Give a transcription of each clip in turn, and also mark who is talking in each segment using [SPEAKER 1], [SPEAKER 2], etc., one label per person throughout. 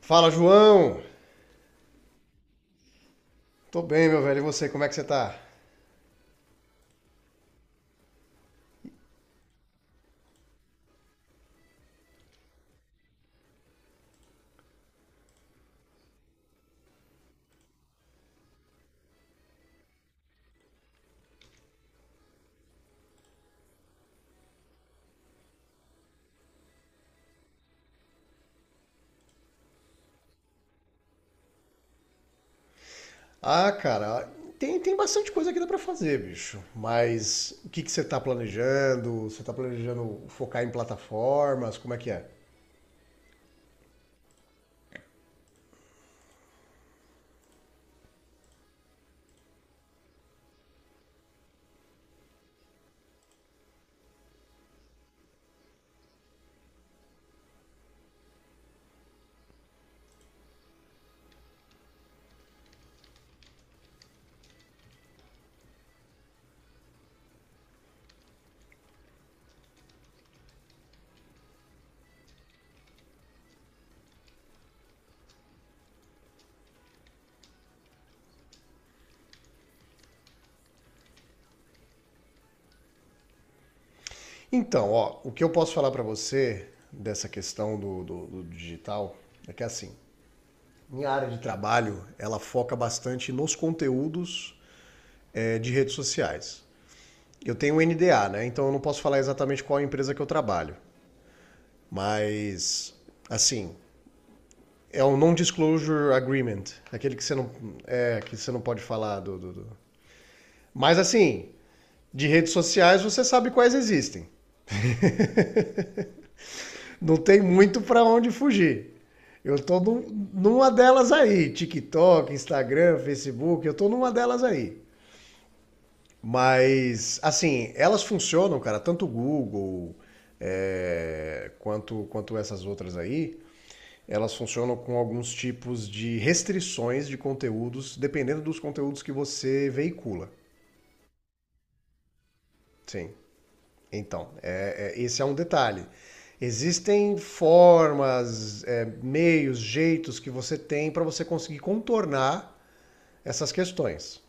[SPEAKER 1] Fala, João! Tô bem, meu velho. E você, como é que você tá? Ah, cara, tem bastante coisa que dá pra fazer, bicho. Mas o que que você tá planejando? Você tá planejando focar em plataformas? Como é que é? Então, ó, o que eu posso falar pra você dessa questão do digital é que assim, minha área de trabalho, ela foca bastante nos conteúdos de redes sociais. Eu tenho um NDA, né? Então eu não posso falar exatamente qual empresa que eu trabalho. Mas, assim, é um non-disclosure agreement, aquele que você não é que você não pode falar do, do, do. Mas assim, de redes sociais você sabe quais existem. Não tem muito para onde fugir. Eu tô num- Numa delas aí, TikTok, Instagram, Facebook, eu tô numa delas aí. Mas assim, elas funcionam, cara, tanto o Google quanto essas outras aí, elas funcionam com alguns tipos de restrições de conteúdos, dependendo dos conteúdos que você veicula. Sim. Então, esse é um detalhe. Existem formas, é, meios, jeitos que você tem para você conseguir contornar essas questões.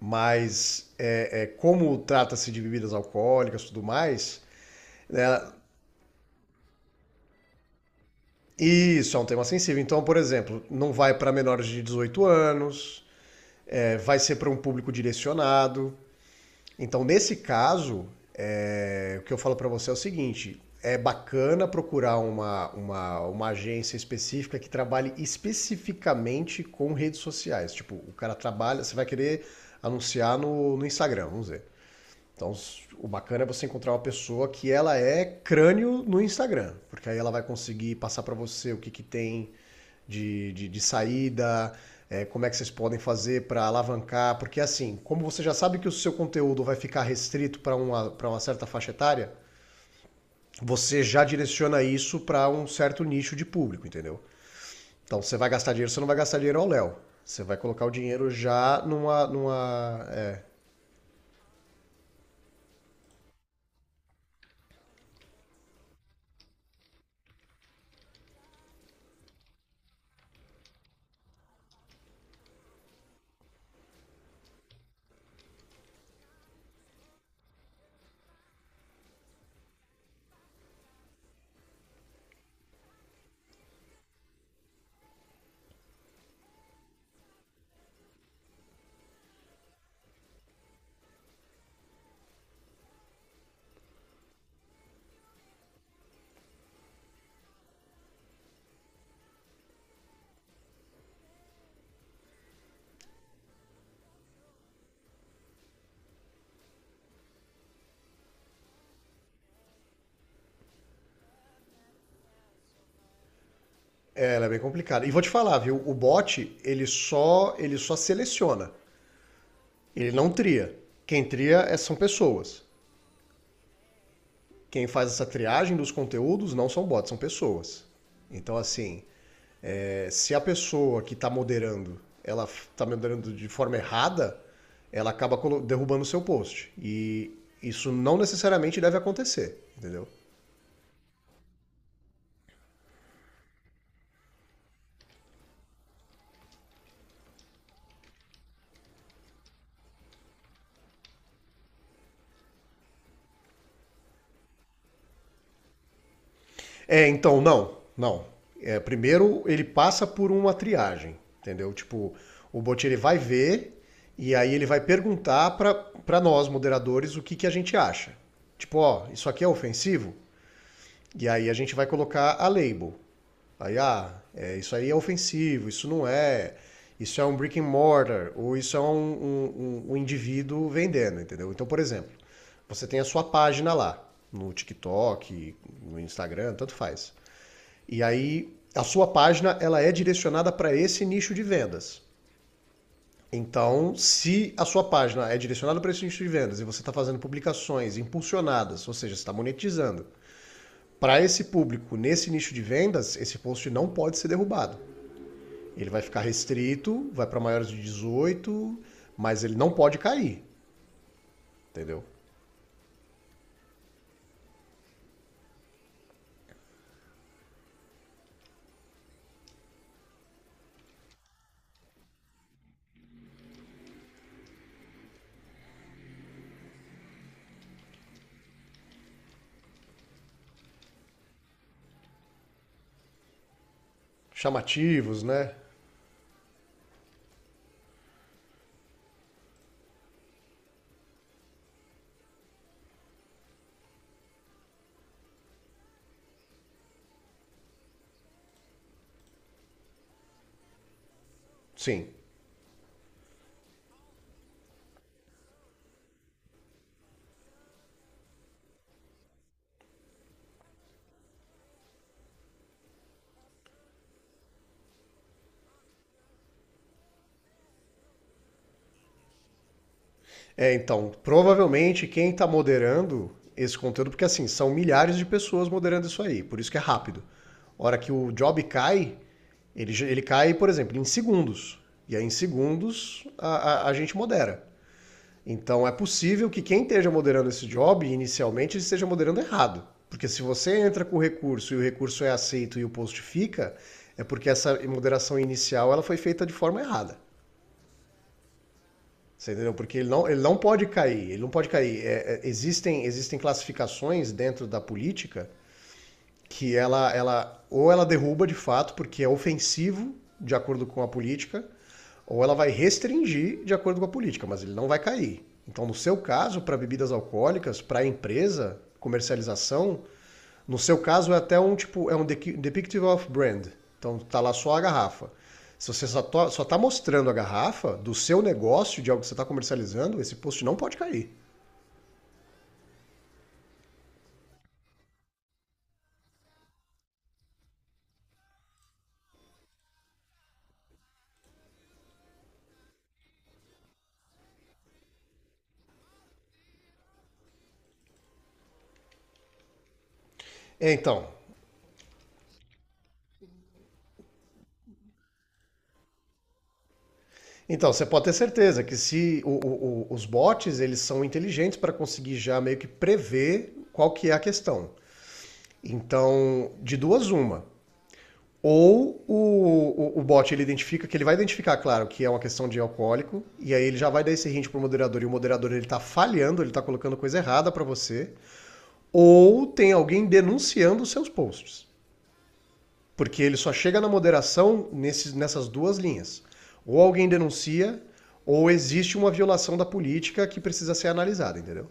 [SPEAKER 1] Mas, como trata-se de bebidas alcoólicas e tudo mais, né, isso é um tema sensível. Então, por exemplo, não vai para menores de 18 anos, é, vai ser para um público direcionado. Então, nesse caso, é, o que eu falo para você é o seguinte: é bacana procurar uma agência específica que trabalhe especificamente com redes sociais. Tipo, o cara trabalha, você vai querer anunciar no Instagram, vamos dizer. Então, o bacana é você encontrar uma pessoa que ela é crânio no Instagram, porque aí ela vai conseguir passar para você o que, que tem de saída, é, como é que vocês podem fazer para alavancar, porque assim, como você já sabe que o seu conteúdo vai ficar restrito para para uma certa faixa etária, você já direciona isso para um certo nicho de público, entendeu? Então, você vai gastar dinheiro, você não vai gastar dinheiro ao Léo. Você vai colocar o dinheiro já numa, é. É, ela é bem complicada. E vou te falar, viu? O bot, ele só seleciona. Ele não tria. Quem tria são pessoas. Quem faz essa triagem dos conteúdos não são bots, são pessoas. Então, assim, é, se a pessoa que está moderando, ela está moderando de forma errada, ela derrubando o seu post. E isso não necessariamente deve acontecer, entendeu? É, então, não. É, primeiro ele passa por uma triagem, entendeu? Tipo, o bot ele vai ver e aí ele vai perguntar pra nós, moderadores, o que, que a gente acha. Tipo, ó, isso aqui é ofensivo? E aí a gente vai colocar a label. Aí, ah, é, isso aí é ofensivo, isso não é, isso é um brick and mortar, ou isso é um indivíduo vendendo, entendeu? Então, por exemplo, você tem a sua página lá, no TikTok, no Instagram, tanto faz. E aí a sua página ela é direcionada para esse nicho de vendas. Então, se a sua página é direcionada para esse nicho de vendas e você está fazendo publicações impulsionadas, ou seja, você está monetizando, para esse público nesse nicho de vendas, esse post não pode ser derrubado. Ele vai ficar restrito, vai para maiores de 18, mas ele não pode cair, entendeu? Chamativos, né? Sim. É, então, provavelmente quem está moderando esse conteúdo, porque assim, são milhares de pessoas moderando isso aí, por isso que é rápido. A hora que o job cai, ele cai, por exemplo, em segundos. E aí, em segundos, a gente modera. Então, é possível que quem esteja moderando esse job, inicialmente, esteja moderando errado. Porque se você entra com o recurso e o recurso é aceito e o post fica, é porque essa moderação inicial ela foi feita de forma errada. Você entendeu? Porque ele não pode cair. Ele não pode cair. Existem, classificações dentro da política que ela ou ela derruba de fato porque é ofensivo de acordo com a política, ou ela vai restringir de acordo com a política, mas ele não vai cair. Então, no seu caso, para bebidas alcoólicas, para a empresa, comercialização, no seu caso é até um tipo, é um depictive of brand. Então tá lá só a garrafa. Se você só, só tá mostrando a garrafa do seu negócio, de algo que você está comercializando, esse post não pode cair. É, então, então você pode ter certeza que se os bots eles são inteligentes para conseguir já meio que prever qual que é a questão. Então, de duas uma, ou o bot ele identifica, que ele vai identificar, claro, que é uma questão de alcoólico, e aí ele já vai dar esse hint pro moderador, e o moderador ele tá falhando, ele tá colocando coisa errada para você. Ou tem alguém denunciando os seus posts. Porque ele só chega na moderação nessas duas linhas. Ou alguém denuncia, ou existe uma violação da política que precisa ser analisada, entendeu?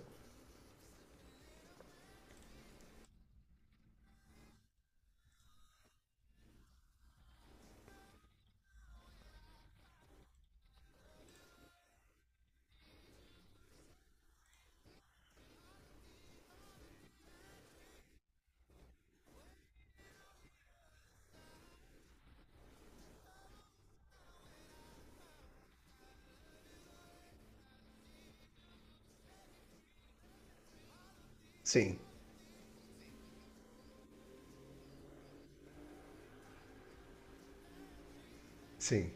[SPEAKER 1] Sim, sim,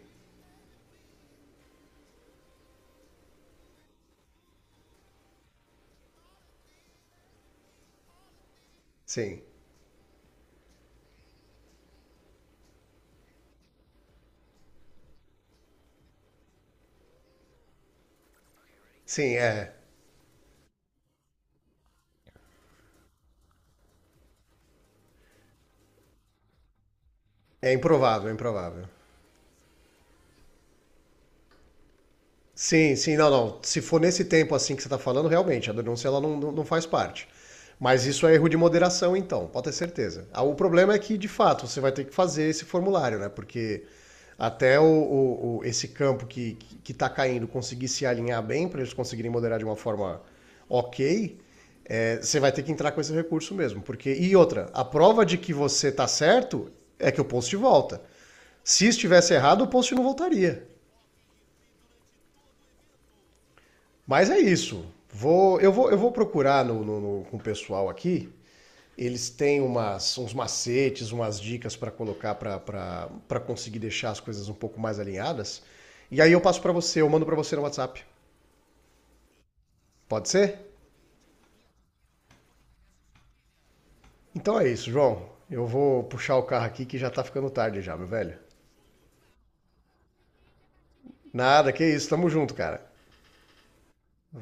[SPEAKER 1] sim, sim, é. É improvável, é improvável. Sim, sim, não, não. Se for nesse tempo assim que você está falando, realmente, a denúncia ela não faz parte. Mas isso é erro de moderação, então, pode ter certeza. Ah, o problema é que, de fato, você vai ter que fazer esse formulário, né? Porque até esse campo que está caindo conseguir se alinhar bem para eles conseguirem moderar de uma forma ok, é, você vai ter que entrar com esse recurso mesmo. Porque, e outra, a prova de que você está certo é que o post volta. Se estivesse errado, o post não voltaria. Mas é isso. Eu vou procurar com o pessoal aqui. Eles têm umas, uns macetes, umas dicas para colocar para conseguir deixar as coisas um pouco mais alinhadas. E aí eu passo para você, eu mando para você no WhatsApp. Pode ser? Então é isso, João. Eu vou puxar o carro aqui que já tá ficando tarde já, meu velho. Nada, que isso. Tamo junto, cara.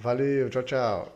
[SPEAKER 1] Valeu, tchau, tchau.